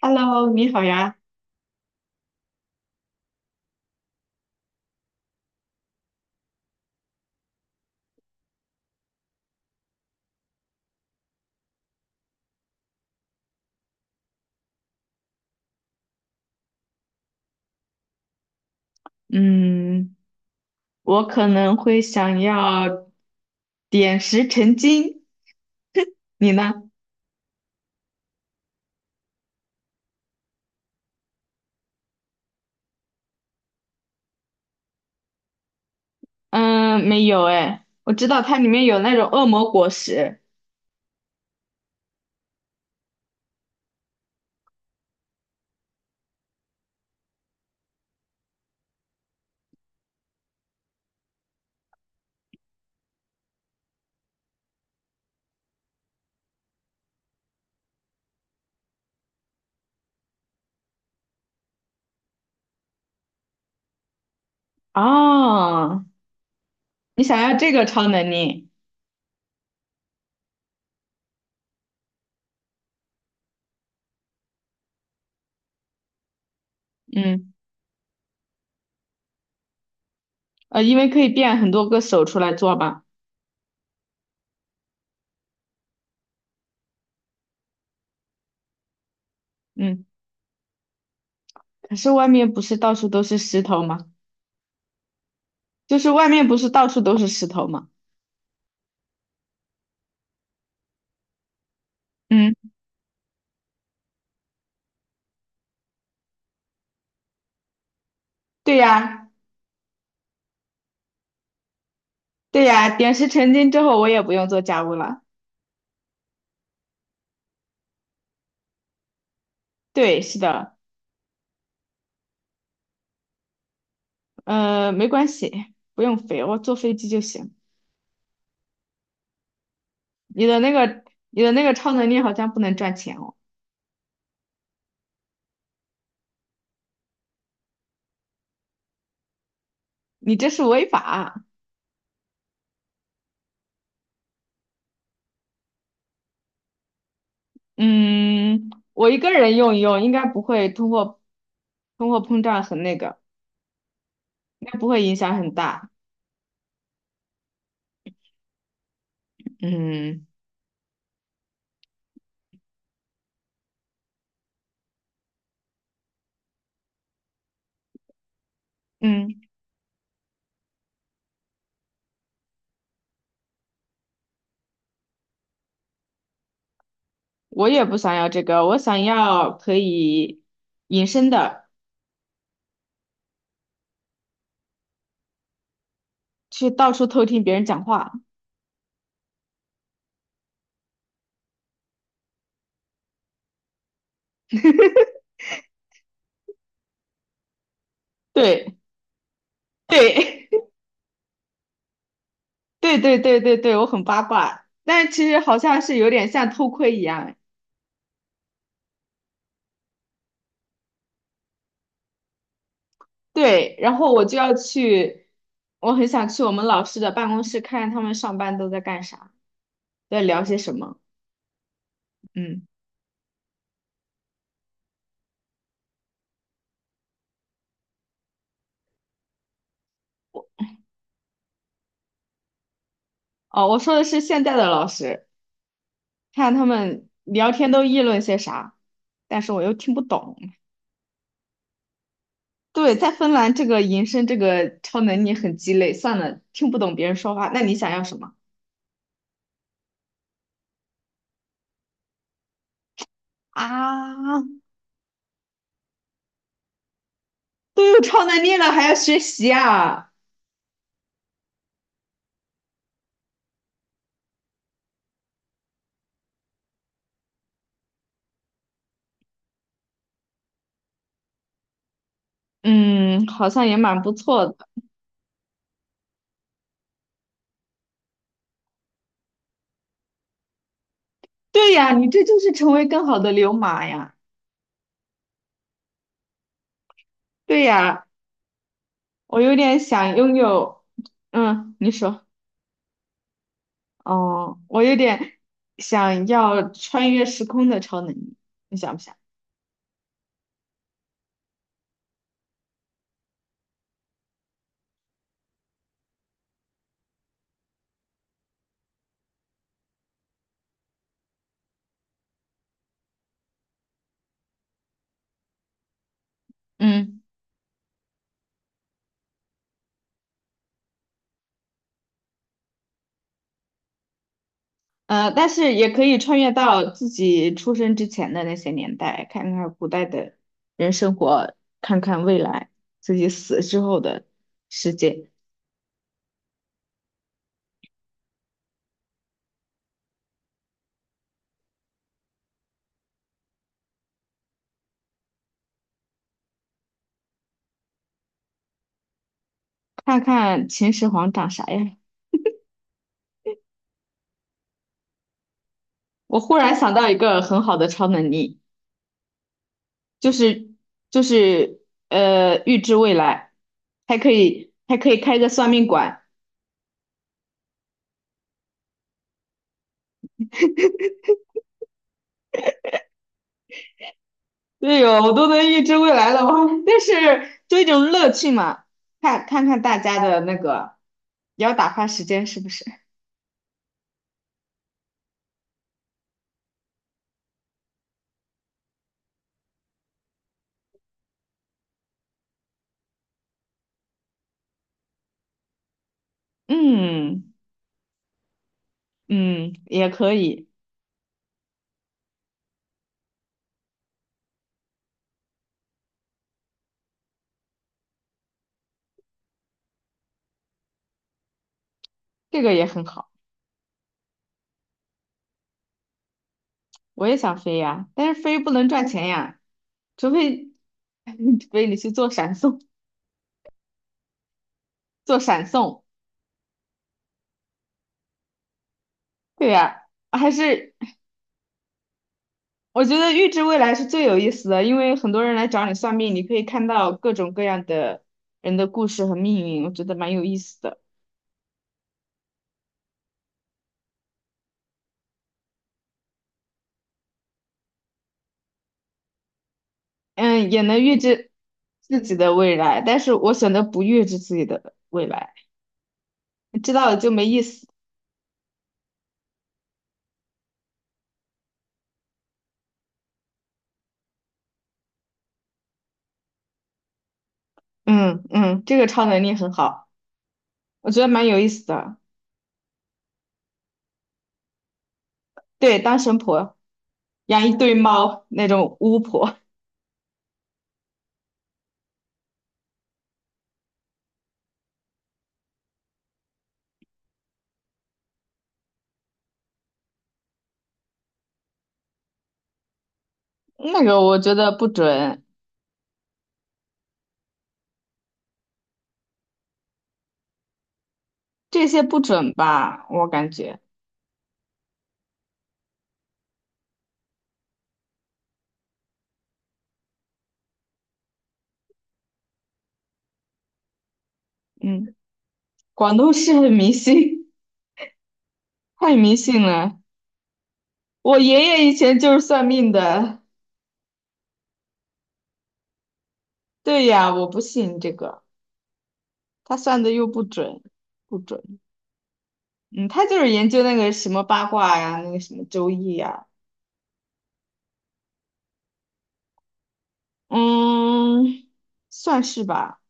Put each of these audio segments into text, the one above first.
Hello，你好呀。嗯，我可能会想要点石成金，你呢？嗯，没有哎，我知道它里面有那种恶魔果实。哦，你想要这个超能力？嗯，因为可以变很多个手出来做嘛。嗯，可是外面不是到处都是石头吗？就是外面不是到处都是石头吗？嗯，对呀，对呀，点石成金之后我也不用做家务了。对，是的。没关系，不用飞，我坐飞机就行。你的那个，你的那个超能力好像不能赚钱哦，你这是违法。嗯，我一个人用一用，应该不会通货膨胀很那个，应该不会影响很大。嗯嗯，我也不想要这个，我想要可以隐身的去到处偷听别人讲话。对对 对对对对对，我很八卦，但其实好像是有点像偷窥一样。对，我很想去我们老师的办公室看看他们上班都在干啥，在聊些什么。嗯，哦，我说的是现在的老师，看他们聊天都议论些啥，但是我又听不懂。对，在芬兰这个延伸这个超能力很鸡肋，算了，听不懂别人说话。那你想要什么啊？都有超能力了还要学习啊？嗯，好像也蛮不错的。对呀，你这就是成为更好的流氓呀。对呀。我有点想拥有，嗯，你说，哦，我有点想要穿越时空的超能力，你想不想？嗯，但是也可以穿越到自己出生之前的那些年代，看看古代的人生活，看看未来自己死之后的世界，看看秦始皇长啥样。我忽然想到一个很好的超能力。就是就是预知未来，还可以还可以开个算命馆。对哟，我都能预知未来了，我但是就一种乐趣嘛，看看看大家的那个，也要打发时间是不是？嗯嗯，也可以，这个也很好。我也想飞呀，但是飞不能赚钱呀，除非 除非你去做闪送，做闪送。对呀，还是我觉得预知未来是最有意思的，因为很多人来找你算命，你可以看到各种各样的人的故事和命运，我觉得蛮有意思的。嗯，也能预知自己的未来，但是我选择不预知自己的未来，知道了就没意思。嗯嗯，这个超能力很好，我觉得蛮有意思的。对，当神婆，养一堆猫那种巫婆，那个我觉得不准，这些不准吧，我感觉。嗯，广东是很迷信，太迷信了。我爷爷以前就是算命的，对呀，我不信这个，他算的又不准，不准。嗯，他就是研究那个什么八卦呀，那个什么周易呀，嗯，算是吧。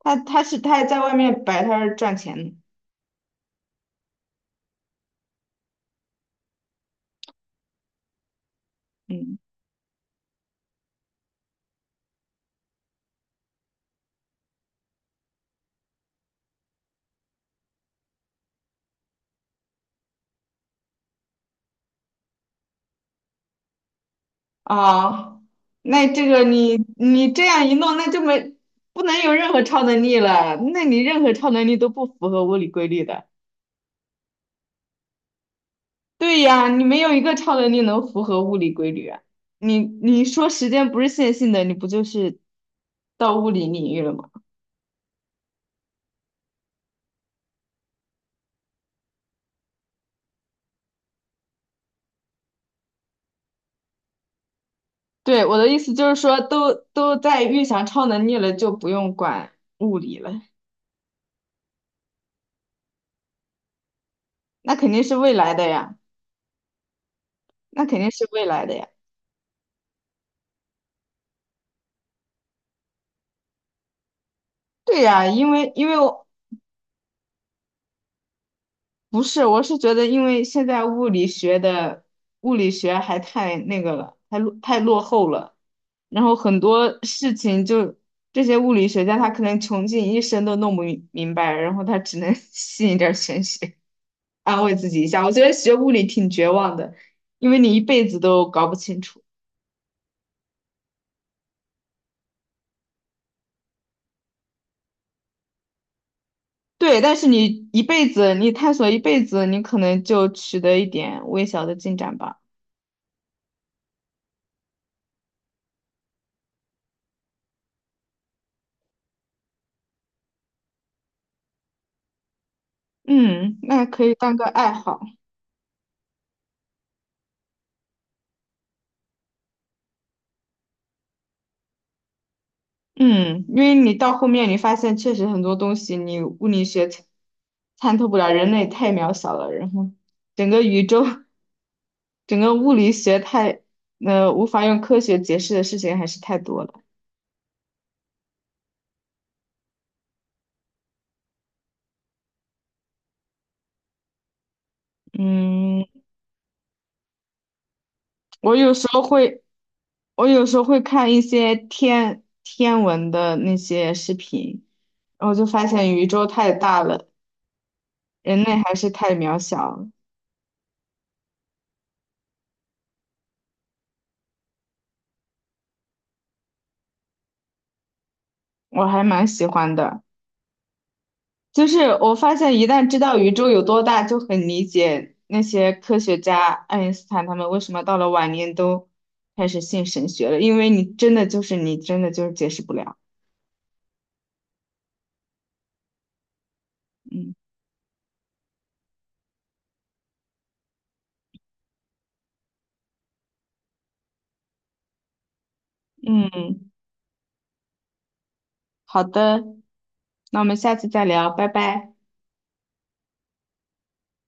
他还在外面摆摊儿赚钱呢。嗯，啊，那这个你这样一弄，那就没不能有任何超能力了，那你任何超能力都不符合物理规律的。对呀，你没有一个超能力能符合物理规律啊！你说时间不是线性的，你不就是到物理领域了吗？对，我的意思就是说，都在预想超能力了，就不用管物理了，那肯定是未来的呀，那肯定是未来的呀。对呀，因为我不是，我是觉得，因为现在物理学还太那个了，太落后了。然后很多事情就这些物理学家他可能穷尽一生都弄不明白，然后他只能 吸一点儿玄学，安慰自己一下。我觉得学物理挺绝望的，因为你一辈子都搞不清楚。对，但是你一辈子，你探索一辈子，你可能就取得一点微小的进展吧。嗯，那可以当个爱好。嗯，因为你到后面你发现确实很多东西你物理学参参透不了，人类太渺小了，然后整个宇宙 整个物理学太，无法用科学解释的事情还是太多了。嗯，我有时候会，我有时候会看一些天文的那些视频，然后就发现宇宙太大了，人类还是太渺小了我还蛮喜欢的。就是我发现，一旦知道宇宙有多大，就很理解那些科学家爱因斯坦他们为什么到了晚年都开始信神学了，因为你真的就是你真的就是解释不了。嗯嗯，好的，那我们下次再聊，拜拜。